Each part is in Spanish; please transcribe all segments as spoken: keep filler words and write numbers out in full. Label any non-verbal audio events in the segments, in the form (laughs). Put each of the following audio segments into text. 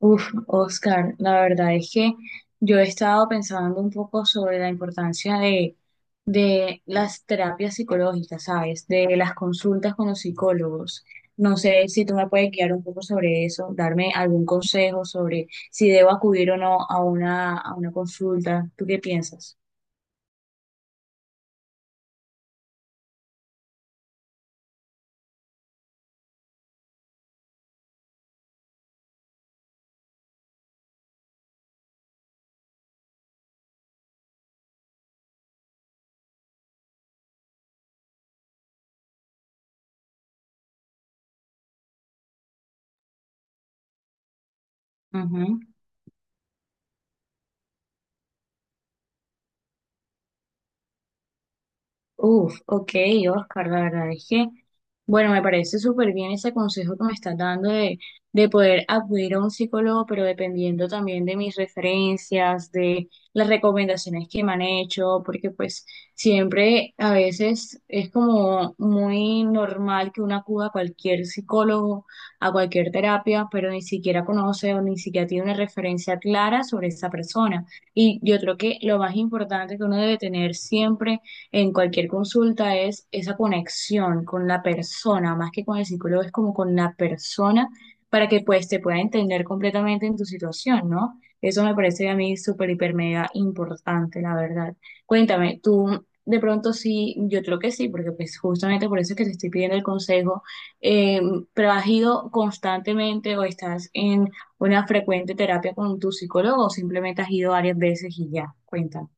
Uf, Oscar, la verdad es que yo he estado pensando un poco sobre la importancia de, de las terapias psicológicas, ¿sabes? De las consultas con los psicólogos. No sé si tú me puedes guiar un poco sobre eso, darme algún consejo sobre si debo acudir o no a una, a una consulta. ¿Tú qué piensas? Uf, ok, Oscar, la verdad es que, bueno, me parece súper bien ese consejo que me estás dando de, de poder acudir a un psicólogo, pero dependiendo también de mis referencias, de las recomendaciones que me han hecho, porque pues siempre a veces es como muy normal que uno acuda a cualquier psicólogo, a cualquier terapia, pero ni siquiera conoce o ni siquiera tiene una referencia clara sobre esa persona. Y yo creo que lo más importante que uno debe tener siempre en cualquier consulta es esa conexión con la persona, más que con el psicólogo, es como con la persona para que pues te pueda entender completamente en tu situación, ¿no? Eso me parece a mí súper, hiper, mega importante, la verdad. Cuéntame, tú de pronto sí, yo creo que sí, porque pues justamente por eso es que te estoy pidiendo el consejo, eh, pero has ido constantemente o estás en una frecuente terapia con tu psicólogo o simplemente has ido varias veces y ya, cuéntame.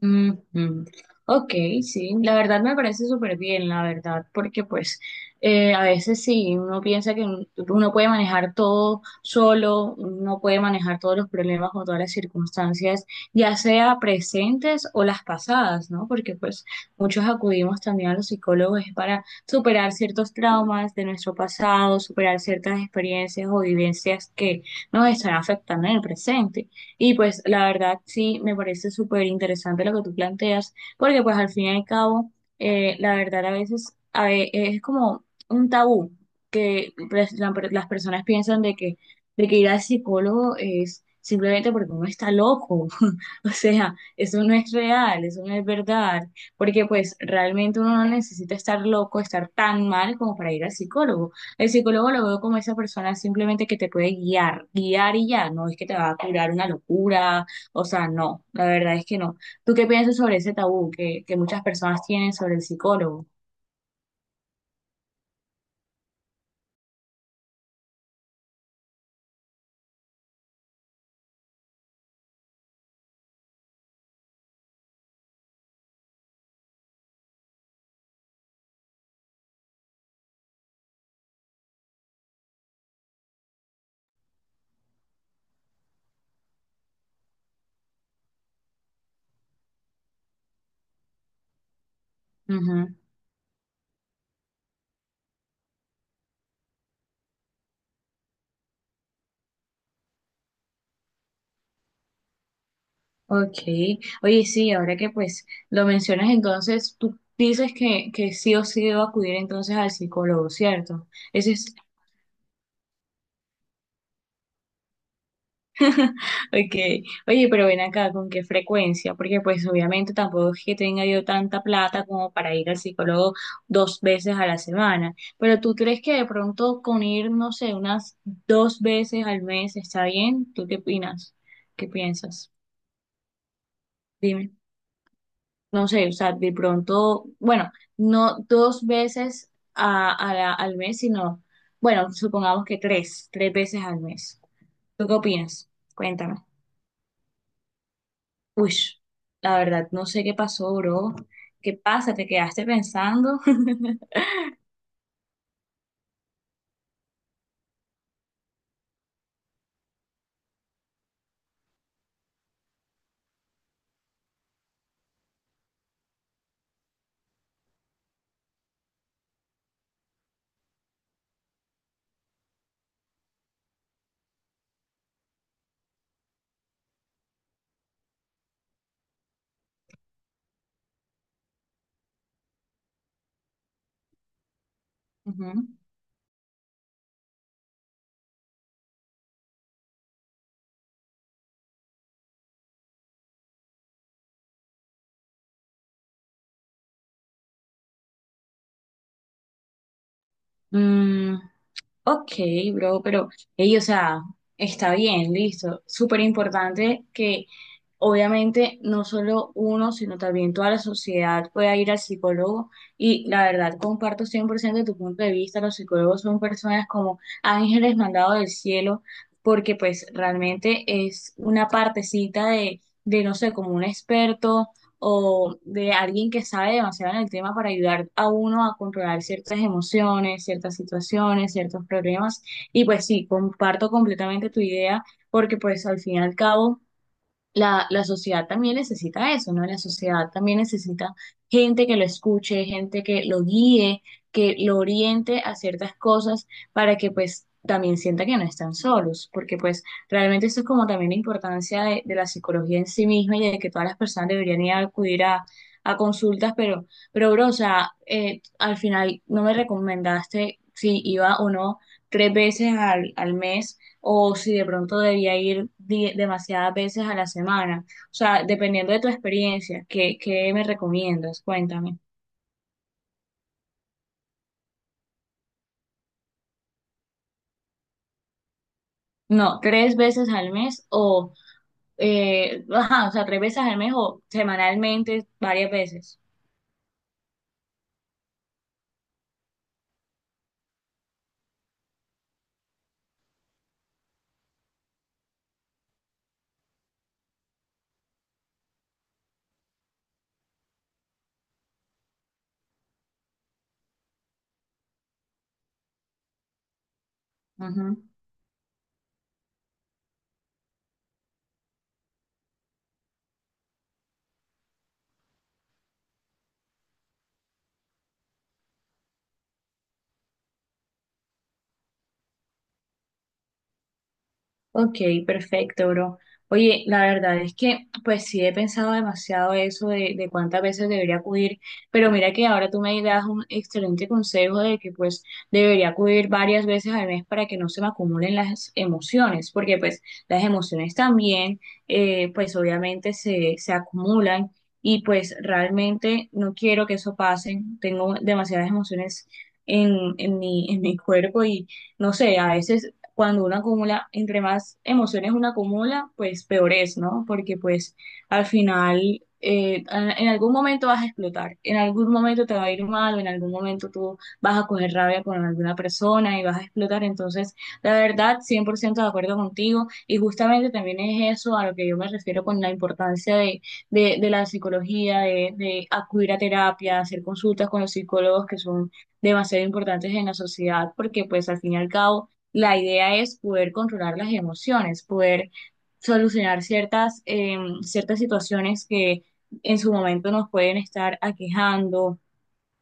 Ujú. Ok, sí, la verdad me parece súper bien, la verdad, porque pues eh, a veces sí, uno piensa que un- uno puede manejar todo solo, uno puede manejar todos los problemas o todas las circunstancias, ya sea presentes o las pasadas, ¿no? Porque pues muchos acudimos también a los psicólogos es para superar ciertos traumas de nuestro pasado, superar ciertas experiencias o vivencias que nos están afectando en el presente. Y pues la verdad sí, me parece súper interesante lo que tú planteas, porque pues al fin y al cabo, eh, la verdad a veces a ve- es como un tabú que pues, la- las personas piensan de que, de que ir al psicólogo es simplemente porque uno está loco. (laughs) O sea, eso no es real, eso no es verdad, porque pues realmente uno no necesita estar loco, estar tan mal como para ir al psicólogo. El psicólogo lo veo como esa persona simplemente que te puede guiar, guiar y ya, no es que te va a curar una locura, o sea, no, la verdad es que no. ¿Tú qué piensas sobre ese tabú que, que muchas personas tienen sobre el psicólogo? Ujú. Ok, oye, sí, ahora que pues lo mencionas, entonces tú dices que, que sí o sí debo acudir entonces al psicólogo, ¿cierto? Ese es. Okay. Oye, pero ven acá, ¿con qué frecuencia? Porque pues obviamente tampoco es que tenga yo tanta plata como para ir al psicólogo dos veces a la semana. Pero ¿tú crees que de pronto con ir, no sé, unas dos veces al mes está bien? ¿Tú qué opinas? ¿Qué piensas? Dime. No sé, o sea, de pronto, bueno, no dos veces a, a la- al mes, sino, bueno, supongamos que tres, tres veces al mes. ¿Tú qué opinas? Cuéntame. Uy, la verdad, no sé qué pasó, bro. ¿Qué pasa? ¿Te quedaste pensando? (laughs) Ujú. Mm, ok, bro, pero, ey, o sea, está bien, listo. Súper importante que obviamente no solo uno, sino también toda la sociedad pueda ir al psicólogo. Y la verdad, comparto cien por ciento tu punto de vista. Los psicólogos son personas como ángeles mandados del cielo, porque pues realmente es una partecita de, de no sé, como un experto o de alguien que sabe demasiado en el tema para ayudar a uno a controlar ciertas emociones, ciertas situaciones, ciertos problemas. Y pues sí, comparto completamente tu idea porque pues al fin y al cabo la, la sociedad también necesita eso, ¿no? La sociedad también necesita gente que lo escuche, gente que lo guíe, que lo oriente a ciertas cosas para que pues también sienta que no están solos, porque pues realmente eso es como también la importancia de, de la psicología en sí misma y de que todas las personas deberían ir a acudir a, a consultas, pero, pero bro, o sea, eh, al final no me recomendaste si iba o no tres veces al, al mes o si de pronto debía ir di- demasiadas veces a la semana. O sea, dependiendo de tu experiencia, ¿qué, qué me recomiendas? Cuéntame. No, tres veces al mes o, eh, ajá, o sea, tres veces al mes o semanalmente varias veces. Ujú. Ok, perfecto, bro. Oye, la verdad es que, pues sí he pensado demasiado eso de, de cuántas veces debería acudir, pero mira que ahora tú me das un excelente consejo de que pues debería acudir varias veces al mes para que no se me acumulen las emociones, porque pues las emociones también, eh, pues obviamente se, se acumulan y pues realmente no quiero que eso pase. Tengo demasiadas emociones en, en mi, en mi cuerpo y no sé, a veces cuando uno acumula, entre más emociones uno acumula, pues peor es, ¿no? Porque pues al final eh, a- en algún momento vas a explotar, en algún momento te va a ir mal, o en algún momento tú vas a coger rabia con alguna persona y vas a explotar. Entonces, la verdad, cien por ciento de acuerdo contigo y justamente también es eso a lo que yo me refiero con la importancia de, de, de la psicología, de, de acudir a terapia, hacer consultas con los psicólogos que son demasiado importantes en la sociedad, porque pues al fin y al cabo la idea es poder controlar las emociones, poder solucionar ciertas, em, ciertas situaciones que en su momento nos pueden estar aquejando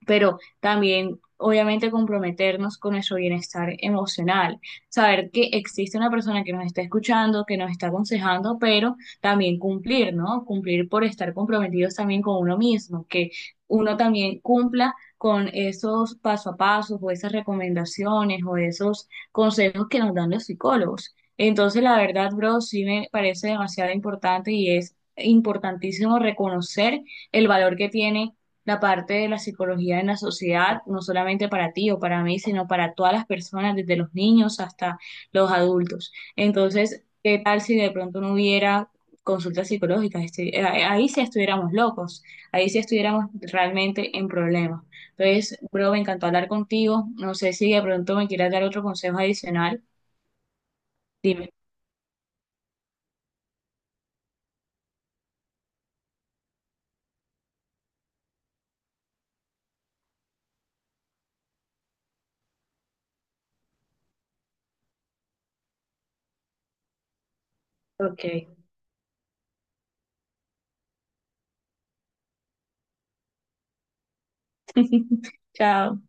pero también obviamente comprometernos con nuestro bienestar emocional, saber que existe una persona que nos está escuchando, que nos está aconsejando, pero también cumplir, ¿no? Cumplir por estar comprometidos también con uno mismo, que uno también cumpla con esos paso a paso o esas recomendaciones o esos consejos que nos dan los psicólogos. Entonces, la verdad, bro, sí me parece demasiado importante y es importantísimo reconocer el valor que tiene la parte de la psicología en la sociedad, no solamente para ti o para mí, sino para todas las personas, desde los niños hasta los adultos. Entonces, ¿qué tal si de pronto no hubiera consultas psicológicas? Este- eh, Ahí sí estuviéramos locos, ahí sí estuviéramos realmente en problemas. Entonces, bro, me encantó hablar contigo. No sé si de pronto me quieras dar otro consejo adicional. Dime. Ok, (laughs) chao.